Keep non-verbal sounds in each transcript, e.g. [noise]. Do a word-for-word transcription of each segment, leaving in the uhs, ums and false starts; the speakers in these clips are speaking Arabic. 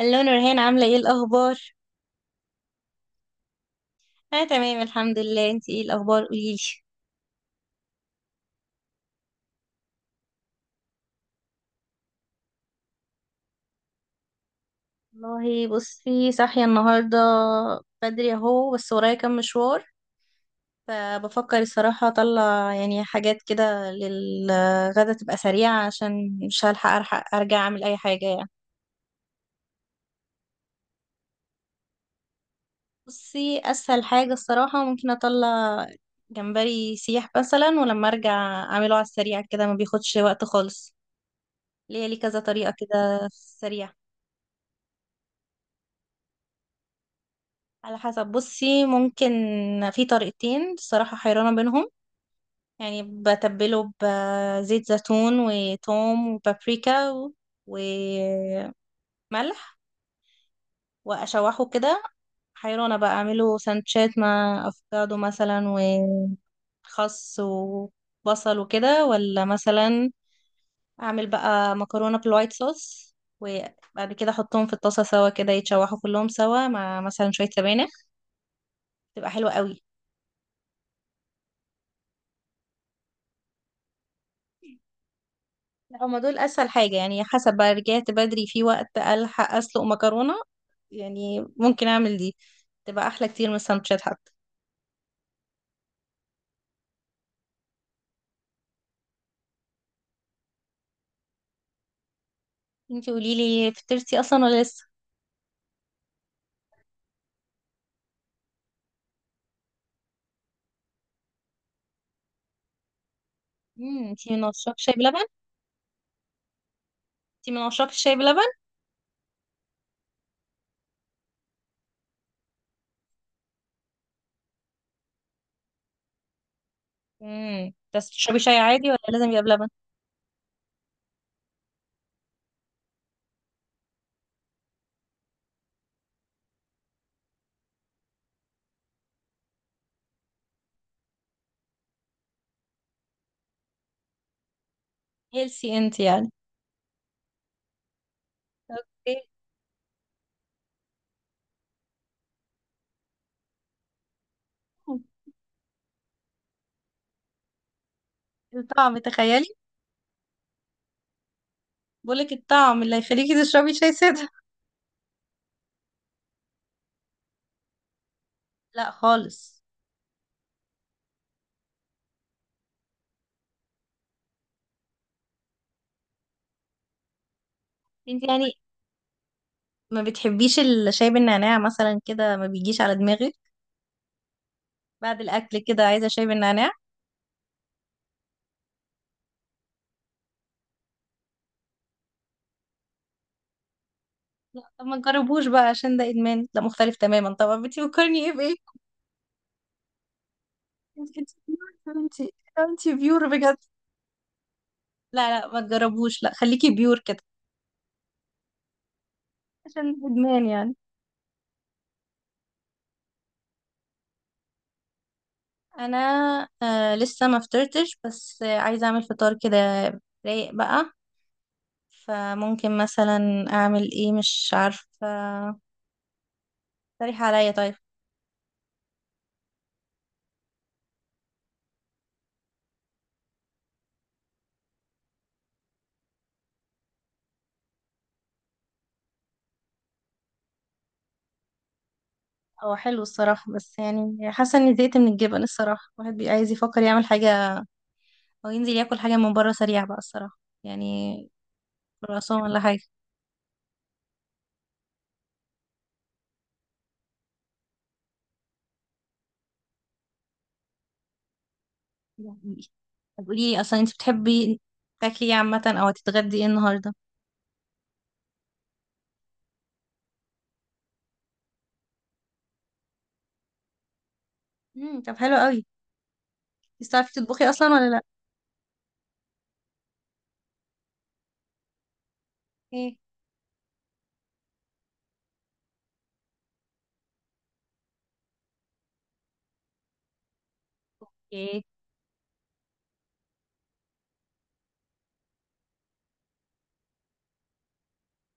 الو نورهان، عاملة ايه الأخبار؟ أنا تمام الحمد لله. انتي ايه الأخبار، قوليلي؟ والله بصي، صاحية النهاردة بدري اهو، بس ورايا كام مشوار. فبفكر الصراحة أطلع يعني حاجات كده للغدا تبقى سريعة، عشان مش هلحق ألحق أرجع أعمل أي حاجة يعني. بصي، أسهل حاجة الصراحة ممكن أطلع جمبري سيح مثلا، ولما أرجع أعمله على السريع كده، ما بياخدش وقت خالص. ليا لي كذا طريقة كده سريعة. على حسب، بصي ممكن في طريقتين الصراحة، حيرانة بينهم. يعني بتبله بزيت زيتون وتوم وبابريكا و- وملح وأشوحه كده. حيرانة بقى أعمله سانشات مع أفوكادو مثلا وخس وبصل وكده، ولا مثلا أعمل بقى مكرونة بالوايت صوص، وبعد كده أحطهم في الطاسة سوا كده يتشوحوا كلهم سوا مع مثلا شوية سبانخ، تبقى حلوة قوي. لا، هما دول اسهل حاجه، يعني حسب بقى، رجعت بدري في وقت الحق اسلق مكرونه، يعني ممكن اعمل دي، تبقى احلى كتير من السندوتشات حتى. انتي قولي لي فطرتي اصلا ولا لسه؟ امم، انتي من عشاق الشاي بلبن؟ انتي من عشاق الشاي بلبن؟ امم، بس تشربي شاي عادي ولا لازم يبقى بلبن؟ هيلسي انتي يعني. اوكي. الطعم تخيلي. بقولك الطعم اللي هيخليكي تشربي شاي ساده. لا خالص. انتي يعني ما بتحبيش الشاي بالنعناع مثلا كده، ما بيجيش على دماغك بعد الاكل كده عايزه شاي بالنعناع؟ لا طب ما تجربوش بقى، عشان ده ادمان، ده مختلف تماما طبعا. انت بتفكرني ايه بايه؟ انت انت بيور انت. انت بيور بجد. لا لا، ما تجربوش، لا خليكي بيور كده، عشان ادمان يعني. انا آه لسه ما فطرتش، بس آه عايزه اعمل فطار كده رايق بقى، فممكن مثلا اعمل ايه، مش عارفه، اقترحي عليا طيب. هو حلو الصراحه، بس يعني حاسه اني زهقت من الجبن الصراحه، الواحد بيبقى عايز يفكر يعمل حاجه او ينزل ياكل حاجه من بره سريع بقى الصراحه يعني، خراسان ولا حاجة يعني. طب قولي لي أصلا، أنت بتحبي تاكلي إيه عامة، أو هتتغدي إيه النهاردة؟ امم، طب حلو قوي. أنت بتعرفي تطبخي أصلا ولا لأ؟ ايه؟ اوكي.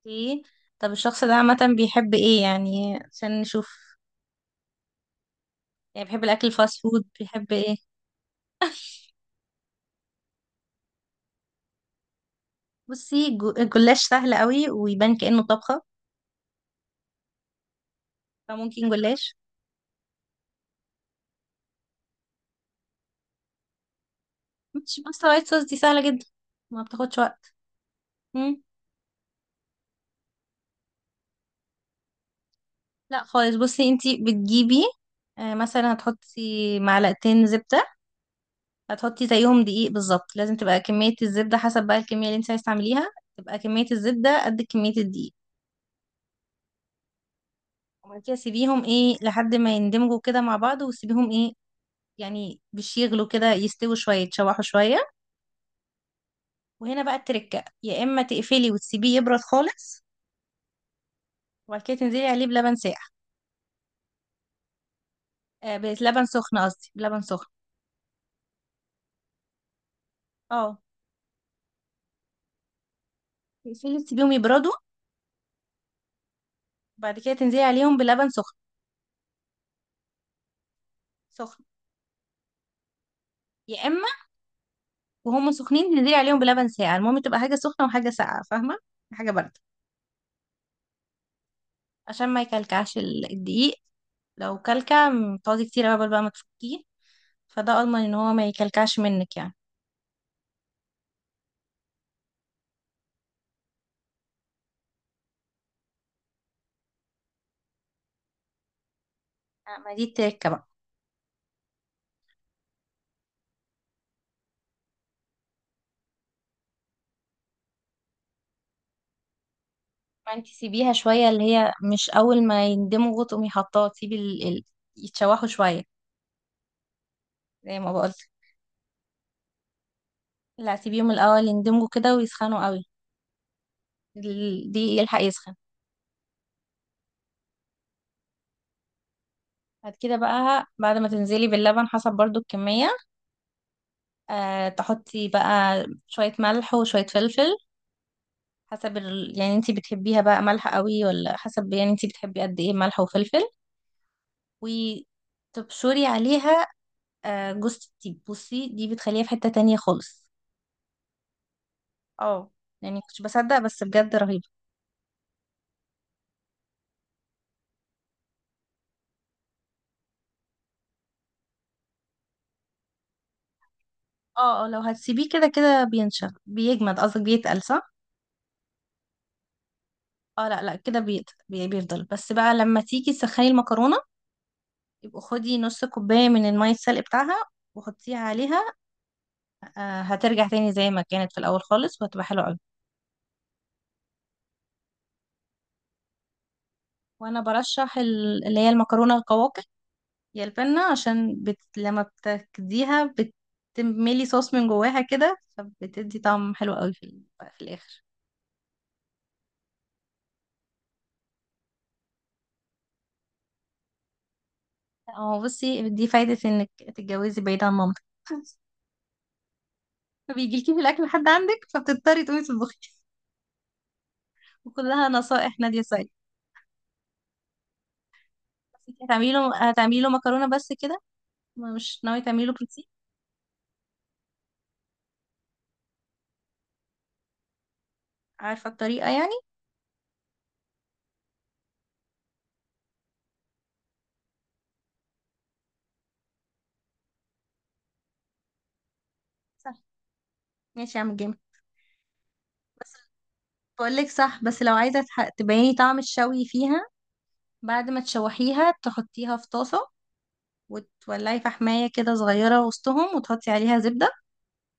اوكي. طب الشخص ده عامة بيحب إيه يعني، عشان نشوف، يعني بيحب الأكل الفاست فود، بيحب إيه؟ بصي، جو- الجلاش سهل قوي ويبان كأنه طبخة، فممكن جلاش. مش باستا وايت صوص دي سهلة جدا، ما بتاخدش وقت. مم. لا خالص، بصي أنت بتجيبي آه، مثلا هتحطي معلقتين زبدة، هتحطي زيهم دقيق بالظبط، لازم تبقى كمية الزبدة حسب بقى الكمية اللي انت عايز تعمليها، تبقى كمية الزبدة قد كمية الدقيق. وبعد كده سيبيهم ايه لحد ما يندمجوا كده مع بعض، وسيبيهم ايه يعني مش يغلوا كده، يستووا شوية يتشوحوا شوية، وهنا بقى التركة، يا اما تقفلي وتسيبيه يبرد خالص، وبعد كده تنزلي عليه بلبن ساقع. آه بلبن سخن قصدي، بلبن سخن. اه، تقفلي تسيبيهم يبردوا، بعد كده تنزلي عليهم بلبن سخن. سخن. يا اما وهم سخنين تنزلي عليهم بلبن ساقع، المهم تبقى حاجة سخنة وحاجة ساقعة، فاهمة، حاجة بارده، عشان ما يكلكعش ال- الدقيق. لو كلكع م- تقعدي كتير قبل بقى ما تفكيه، فده اضمن ان هو ما يكلكعش منك يعني. آه، ما دي التركه بقى. ما انت سيبيها شويه، اللي هي مش اول ما يندمجوا تقومي حطاه، تسيبي ال... ال... يتشوحوا شويه زي ما بقولت. لا سيبيهم الاول يندمجوا كده ويسخنوا قوي، دي يلحق يسخن. بعد كده بقى، بعد ما تنزلي باللبن، حسب برضو الكمية، أه تحطي بقى شوية ملح وشوية فلفل، حسب ال... يعني انتي بتحبيها بقى مالحة قوي، ولا حسب يعني انتي بتحبي قد ايه ملح وفلفل. وتبشري عليها آه، جوز الطيب، بصي دي بتخليها في حتة تانية خالص. اه، يعني كنتش بصدق، بس بجد رهيبة. اه اه، لو هتسيبيه كده كده بينشف، بيجمد قصدك، بيتقل صح؟ اه لا لا، كده بيت- بي... بيفضل، بس بقى لما تيجي تسخني المكرونة يبقى خدي نص كوباية من المية السلق بتاعها وحطيها عليها، آه، هترجع تاني زي ما كانت في الأول خالص، وهتبقى حلوة أوي. وانا برشح ال- اللي هي المكرونه القواقع، يا البنه، عشان بت... لما بتكديها بتملي صوص من جواها كده، فبتدي طعم حلو قوي في ال- في الاخر. اه بصي، دي فايده انك تتجوزي بعيد عن مامتك [laughs] فبيجيلكي في الاكل لحد عندك، فبتضطري تقومي تطبخي. وكلها نصائح نادية سعيد. بس انتي هتعملي له هتعملي له مكرونه بس كده، مش ناويه تعملي له بروتين؟ عارفه الطريقه يعني؟ صح. ماشي يا عم جيم. بس بقول لك صح، بس لو عايزه تح- تبيني طعم الشوي فيها، بعد ما تشوحيها تحطيها في طاسة، وتولعي فحماية كده صغيرة وسطهم، وتحطي عليها زبدة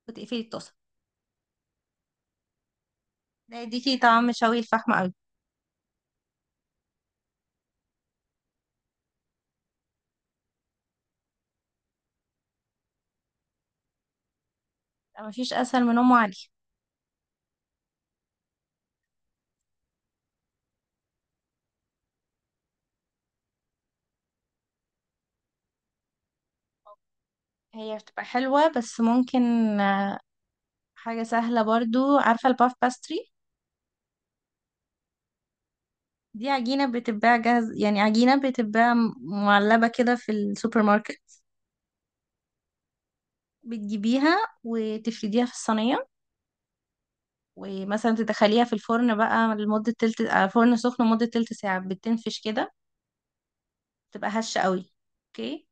وتقفلي الطاسة، ده يديكي طعم شوي الفحم قوي. لا، مفيش أسهل من أم علي. هي بتبقى حلوة، بس ممكن آه، حاجة سهلة برضو. عارفة الباف باستري؟ دي عجينة بتتباع جاهز، يعني عجينة بتتباع م- معلبة كده في السوبر ماركت، بتجيبيها وتفرديها في الصينية، ومثلا تدخليها في الفرن بقى لمدة تلت آه، فرن سخن لمدة تلت ساعة، بتنفش كده، تبقى هشة قوي. اوكي.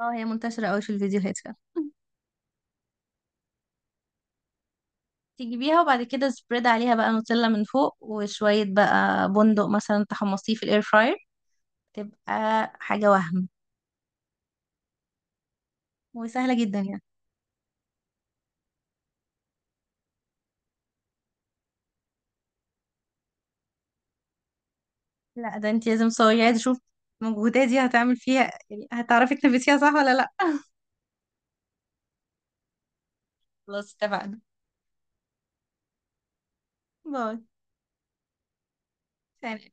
اه، هي منتشرة قوي في الفيديوهات فعلا [laughs] تجيبيها، وبعد كده سبريد عليها بقى نوتيلا من فوق، وشوية بقى بندق مثلا تحمصيه في الاير فراير، تبقى حاجة وهم، وسهلة جدا يعني. لا ده انت لازم تصوري، عايزة اشوف مجهوداتي هتعمل فيها، يعني هتعرفي تنفذيها صح ولا لا. خلاص اتفقنا. باي. سلام.